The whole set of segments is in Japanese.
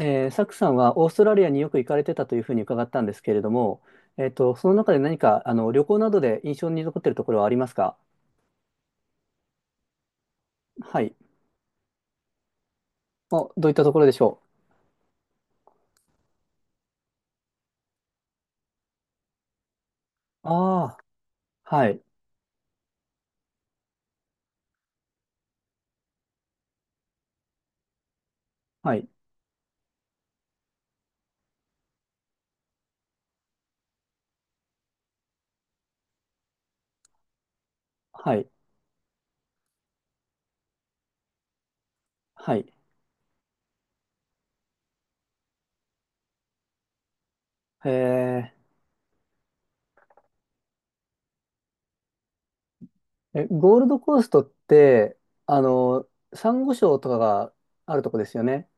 サクさんはオーストラリアによく行かれてたというふうに伺ったんですけれども、その中で何か旅行などで印象に残っているところはありますか？はい。お、どういったところでしょう？ああー、はい、はい、はい、はい。えー、え、ゴールドコーストって、サンゴ礁とかがあるとこですよね。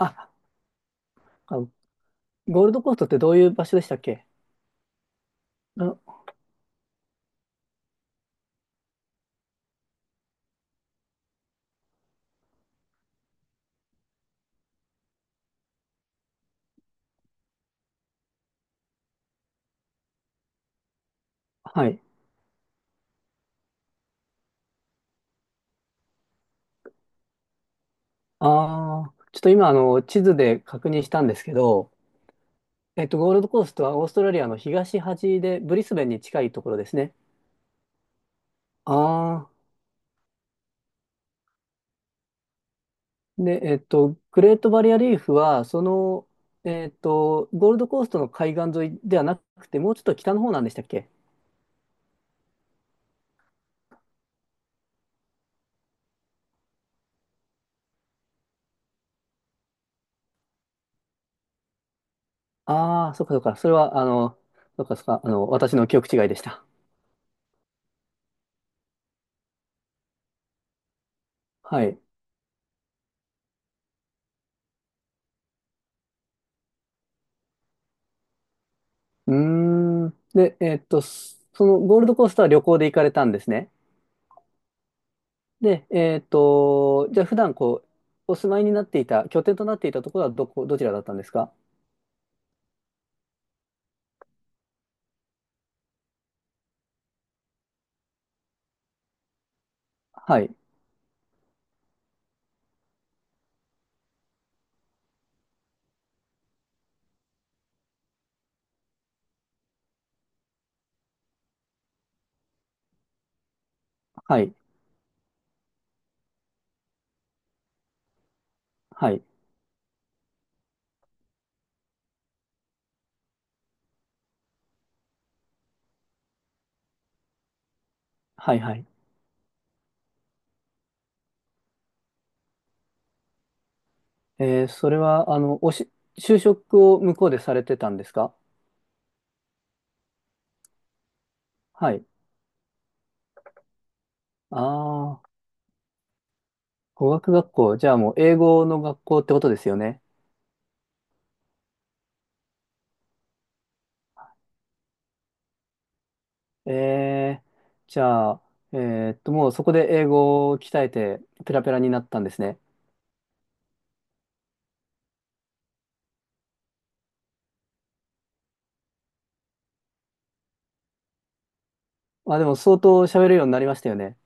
あ、あのゴールドコーストってどういう場所でしたっけ？あはい。ああ、ちょっと今、地図で確認したんですけど、ゴールドコーストはオーストラリアの東端で、ブリスベンに近いところですね。ああ。で、グレートバリアリーフは、その、ゴールドコーストの海岸沿いではなくて、もうちょっと北の方なんでしたっけ？ああー、そっかそっか。それは、そっかそっか、私の記憶違いでした。はい。うーん。で、そのゴールドコーストは旅行で行かれたんですね。で、じゃあ普段こう、お住まいになっていた、拠点となっていたところはどこ、どちらだったんですか？はい。はい、はい、はい、はい。えー、それは、就職を向こうでされてたんですか？はい。ああ、語学学校。じゃあもう英語の学校ってことですよね。えー、じゃあ、もうそこで英語を鍛えてペラペラになったんですね。まあでも相当喋るようになりましたよね。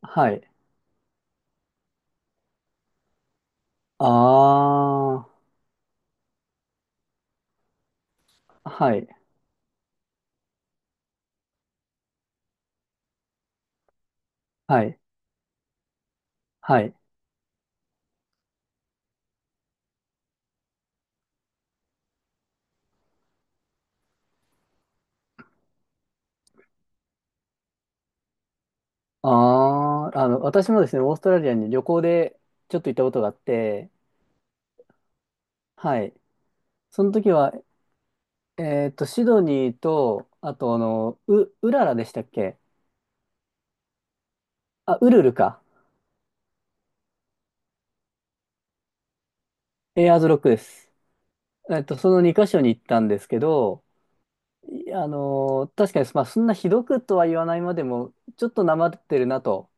はい。ああ、はい、はい、はい。ああ、私もですね、オーストラリアに旅行でちょっと行ったことがあって、はい。その時はシドニーと、あと、ウララでしたっけ？あ、ウルルか。エアーズロックです。その2箇所に行ったんですけど、いあのー、確かに、まあ、そんなひどくとは言わないまでも、ちょっとなまってるなと、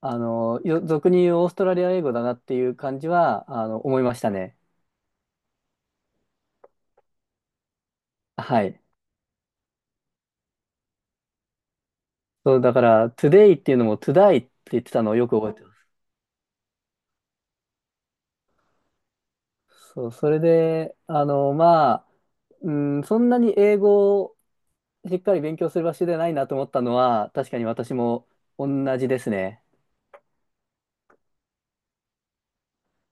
俗に言うオーストラリア英語だなっていう感じは、思いましたね。はい。そう、だから、トゥデイっていうのも、トゥダイって言ってたのをよく覚えてます。そう、それで、そんなに英語しっかり勉強する場所でないなと思ったのは、確かに私も同じですね。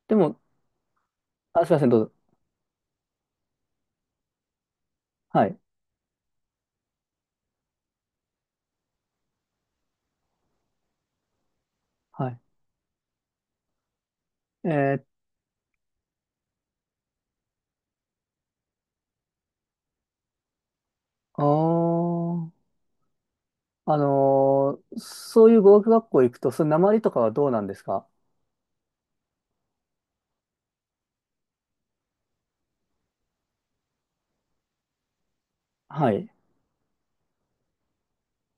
でも、あ、すいません、どうぞ。はい。はい。えー、あー、そういう語学学校行くと、その訛りとかはどうなんですか？はい。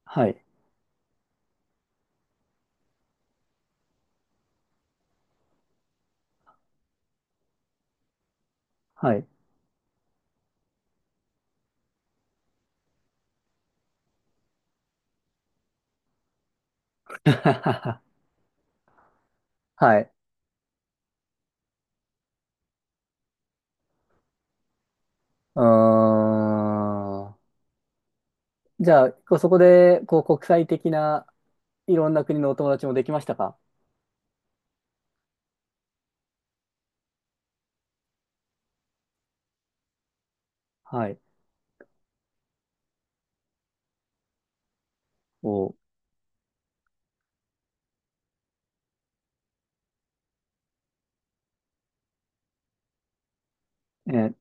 はい。はい。はい。うーん。じゃあ、こうそこで、こう、国際的ないろんな国のお友達もできましたか？はい。お、えー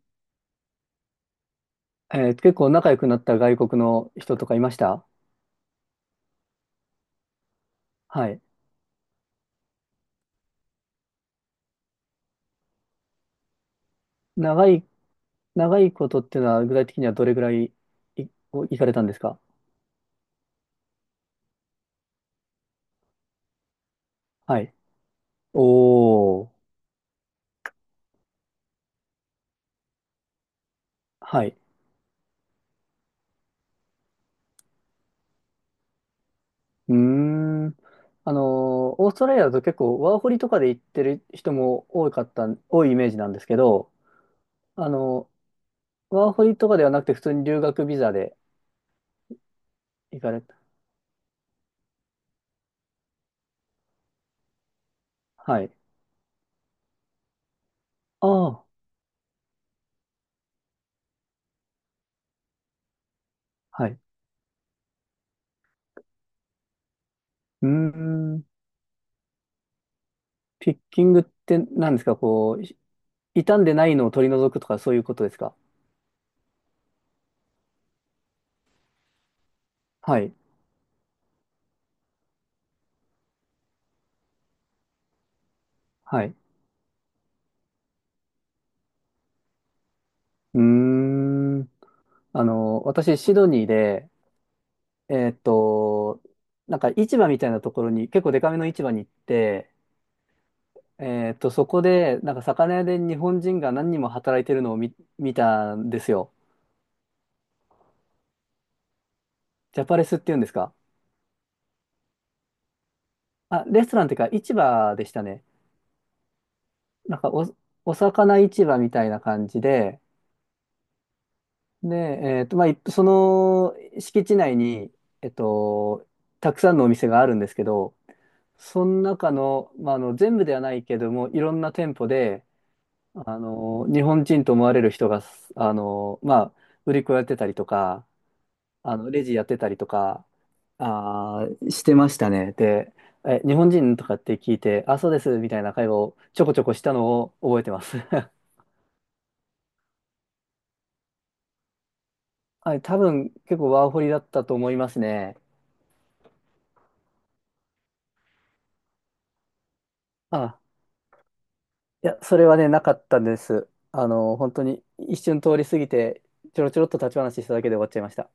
えー結構仲良くなった外国の人とかいました？はい。長い、長いことっていうのは具体的にはどれぐらいい、お行かれたんですか？はい。おー。はい。うーん。あのオーストラリアだと結構ワーホリとかで行ってる人も多かった、多いイメージなんですけど、あのワーホリとかではなくて普通に留学ビザで行かれた。はい。ああ、はい。うーん。ピッキングって何ですかこう、傷んでないのを取り除くとかそういうことですか？はい。はい。うーん。私、シドニーで、えーっと、なんか市場みたいなところに、結構デカめの市場に行って、そこで、なんか魚屋で日本人が何人も働いてるのを見たんですよ。ジャパレスっていうんですか？あ、レストランっていうか市場でしたね。なんかお、お魚市場みたいな感じで、で、まあ、その敷地内に、えっと、たくさんのお店があるんですけど、その中の、まあ、あの全部ではないけども、いろんな店舗で、日本人と思われる人が、まあ、売り子やってたりとか、レジやってたりとか、あー、してましたね。で、え、日本人とかって聞いて、あ、そうです、みたいな会話をちょこちょこしたのを覚えてます。はい、多分結構ワーホリだったと思いますね。あ、いや、それはね、なかったんです。本当に一瞬通り過ぎて、ちょろちょろっと立ち話しただけで終わっちゃいました。